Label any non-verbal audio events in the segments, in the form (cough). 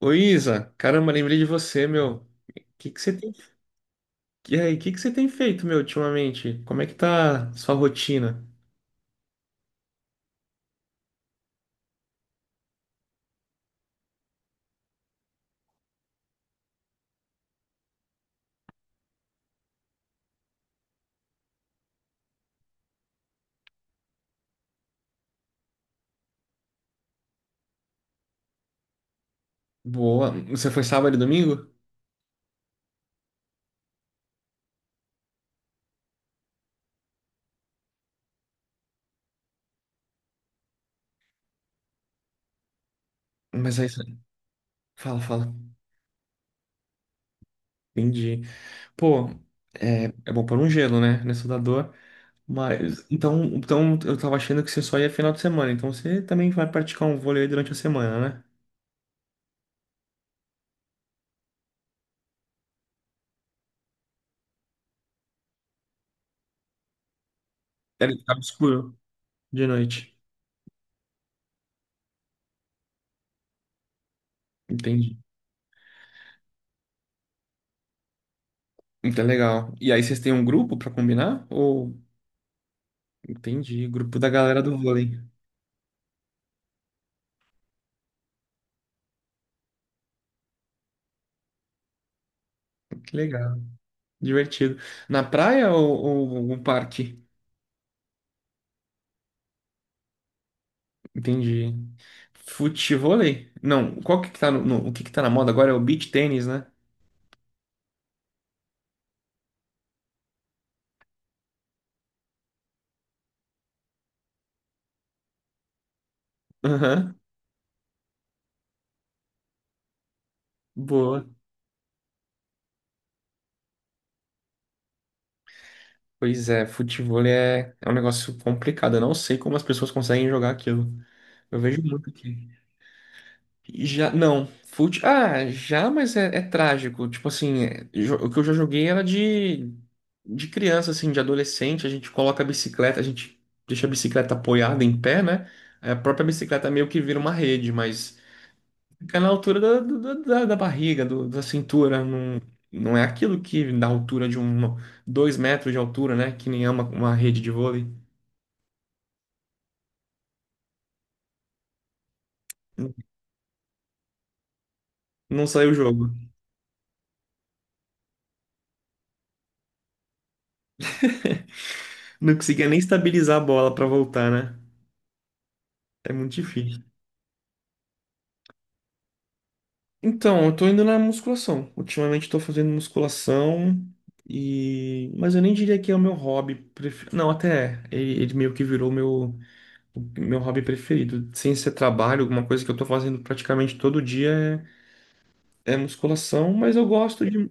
Ô Isa, caramba, lembrei de você, meu. Que você tem... E aí, o que que você tem feito, meu, ultimamente? Como é que tá sua rotina? Boa. Você foi sábado e domingo? Mas aí, fala, fala. Entendi. Pô, é bom pôr um gelo, né, nessa da dor. Mas, então, eu tava achando que você só ia final de semana. Então, você também vai praticar um vôlei durante a semana, né? Era de escuro, de noite. Entendi. Então, é legal. E aí, vocês têm um grupo pra combinar? Ou... Entendi, grupo da galera do vôlei. Que legal, divertido. Na praia ou algum parque? Entendi. Futevôlei? Não, qual que tá o que que tá na moda agora é o beach tênis, né? Aham, boa. Pois é, futevôlei é um negócio complicado. Eu não sei como as pessoas conseguem jogar aquilo. Eu vejo muito aqui. E Já, não. Fute... Ah, já, é trágico. Tipo assim, é, o que eu já joguei era de criança, assim, de adolescente. A gente coloca a bicicleta, a gente deixa a bicicleta apoiada em pé, né? Aí A própria bicicleta meio que vira uma rede, mas fica na altura da barriga, da cintura. Não, não é aquilo que dá altura de um, dois metros de altura, né? Que nem é uma rede de vôlei. Não saiu o jogo. Não conseguia nem estabilizar a bola pra voltar, né? É muito difícil. Então, eu tô indo na musculação. Ultimamente tô fazendo musculação e... Mas eu nem diria que é o meu hobby preferido. Não, até é. Ele meio que virou o meu hobby preferido. Sem ser trabalho, alguma coisa que eu tô fazendo praticamente todo dia é, é musculação, mas eu gosto de...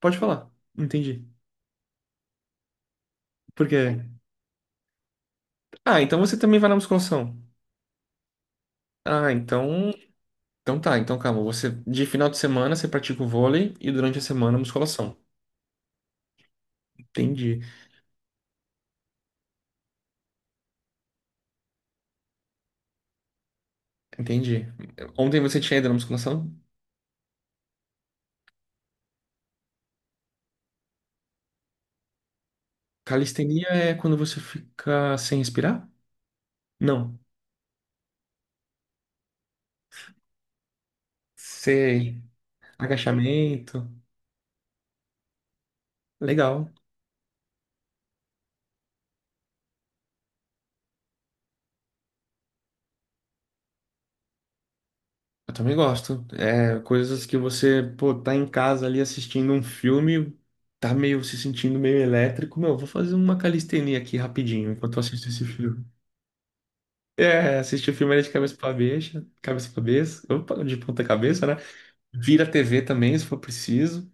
Pode falar. Entendi. Por quê? Ah, então você também vai na musculação. Ah, então... Então tá, então calma. Você, de final de semana, você pratica o vôlei e durante a semana, musculação. Entendi. Entendi. Ontem você tinha ido na musculação? Calistenia é quando você fica sem respirar? Não. Sei. Agachamento. Legal. Eu também gosto. É, coisas que você, pô, tá em casa ali assistindo um filme, tá meio se sentindo meio elétrico. Meu, vou fazer uma calistenia aqui rapidinho enquanto eu assisto esse filme. É, assistir o filme ali de cabeça pra cabeça, opa, de ponta cabeça, né? Vira a TV também, se for preciso.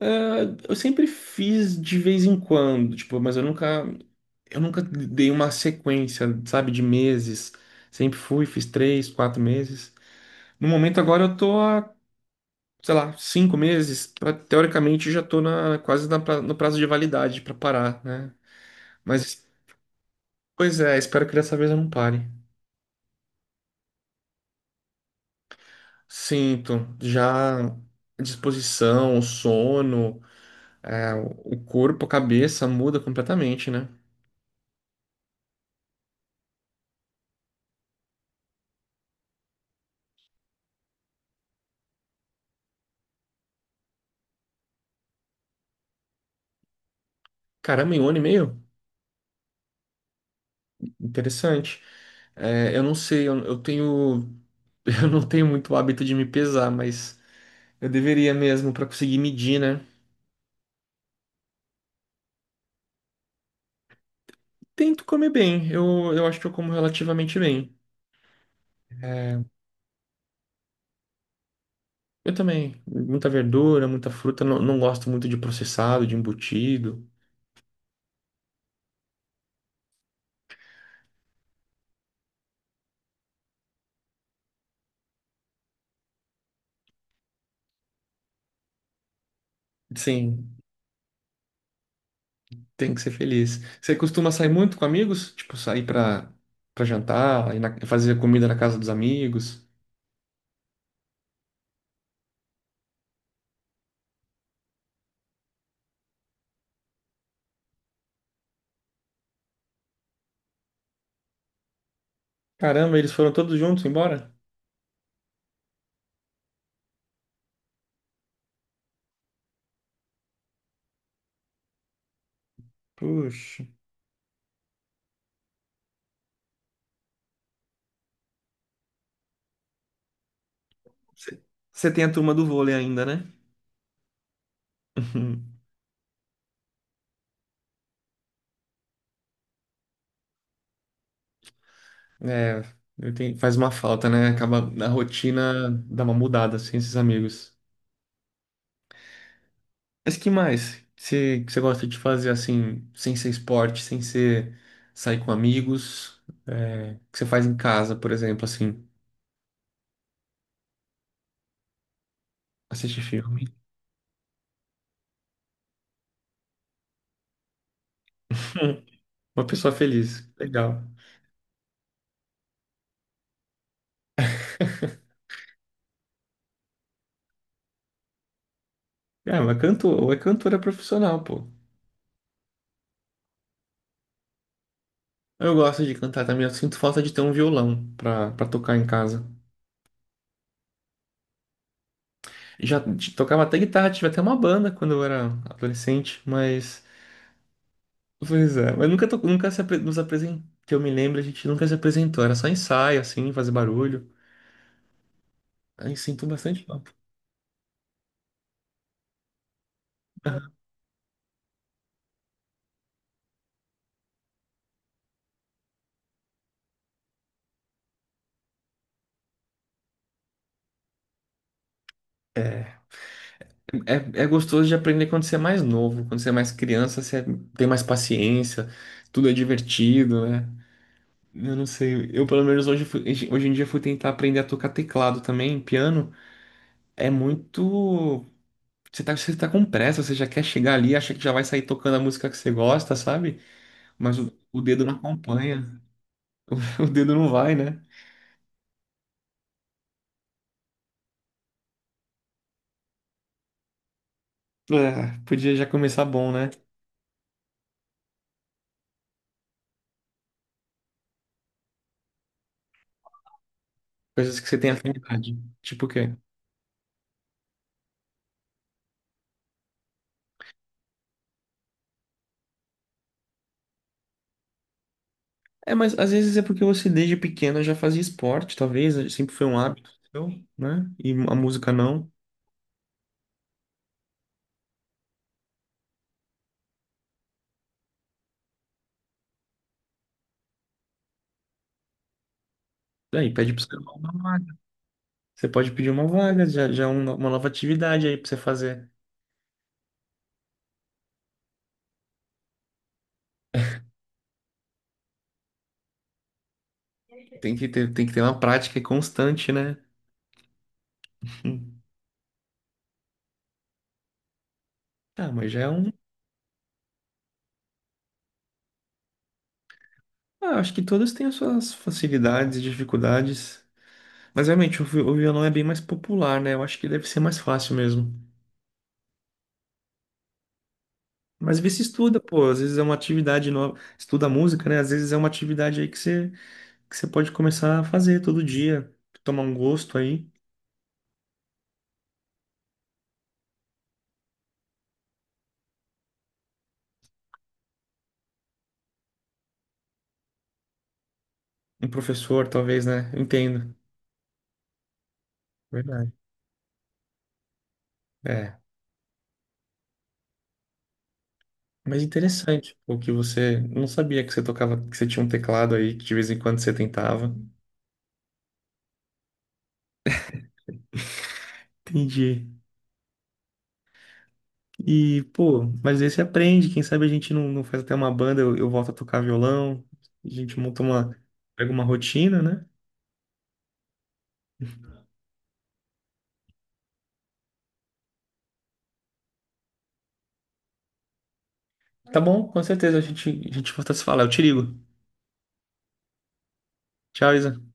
É, eu sempre fiz de vez em quando, tipo, mas eu nunca dei uma sequência, sabe, de meses. Sempre fui, fiz três, quatro meses. No momento agora eu tô há, sei lá, cinco meses. Teoricamente já tô na, quase na no prazo de validade pra parar, né? Mas, pois é, espero que dessa vez eu não pare. Sinto já a disposição, o sono, é, o corpo, a cabeça muda completamente, né? Caramba, em um ano e meio? Interessante. É, eu não sei, eu tenho, (laughs) eu não tenho muito hábito de me pesar, mas eu deveria mesmo pra conseguir medir, né? Tento comer bem, eu acho que eu como relativamente bem. Eu também, muita verdura, muita fruta, não gosto muito de processado, de embutido. Sim, tem que ser feliz. Você costuma sair muito com amigos? Tipo, sair pra jantar, fazer comida na casa dos amigos? Caramba, eles foram todos juntos embora? Puxa. Você Você tem a turma do vôlei ainda, né? (laughs) É, faz uma falta, né? Acaba a rotina dá uma mudada assim, esses amigos. Mas que mais que você gosta de fazer assim, sem ser esporte, sem ser sair com amigos, é, que você faz em casa, por exemplo, assim, assistir filme. (laughs) Uma pessoa feliz, legal. É, mas cantor, é cantora profissional, pô. Eu gosto de cantar também, eu sinto falta de ter um violão pra tocar em casa. Tocava até guitarra, tive até uma banda quando eu era adolescente, mas pois é, mas nunca se apre- nos apresentou, que eu me lembro, a gente nunca se apresentou, era só ensaio, assim, fazer barulho. Aí sinto bastante falta. É, é gostoso de aprender quando você é mais novo, quando você é mais criança, você tem mais paciência, tudo é divertido, né? Eu não sei, eu pelo menos hoje em dia fui tentar aprender a tocar teclado também, piano, é muito... você tá com pressa, você já quer chegar ali, acha que já vai sair tocando a música que você gosta, sabe? Mas o dedo não acompanha, (laughs) o dedo não vai, né? É, podia já começar bom, né? Coisas que você tem afinidade. Tipo o quê? É, mas às vezes é porque você desde pequeno já fazia esporte, talvez, sempre foi um hábito seu, né? E a música não. Aí pede pra você uma vaga. Você pode pedir uma vaga, já, já é uma nova atividade aí pra você fazer. Tem que ter uma prática constante, né? (laughs) Hum. Tá, mas já é um. Ah, acho que todas têm as suas facilidades e dificuldades. Mas realmente, o violão é bem mais popular, né? Eu acho que deve ser mais fácil mesmo. Mas vê se estuda, pô. Às vezes é uma atividade nova. Estuda música, né? Às vezes é uma atividade aí que que você pode começar a fazer todo dia. Tomar um gosto aí. Um professor, talvez, né? Eu entendo. Verdade. É. Mas interessante, pô, que você não sabia que você tocava, que você tinha um teclado aí, que de vez em quando você tentava. Entendi. E, pô, mas aí você aprende. Quem sabe a gente não faz até uma banda, eu volto a tocar violão. A gente monta uma, pega uma rotina, né? Tá bom, com certeza a gente volta a se falar. Eu te ligo. Tchau, Isa.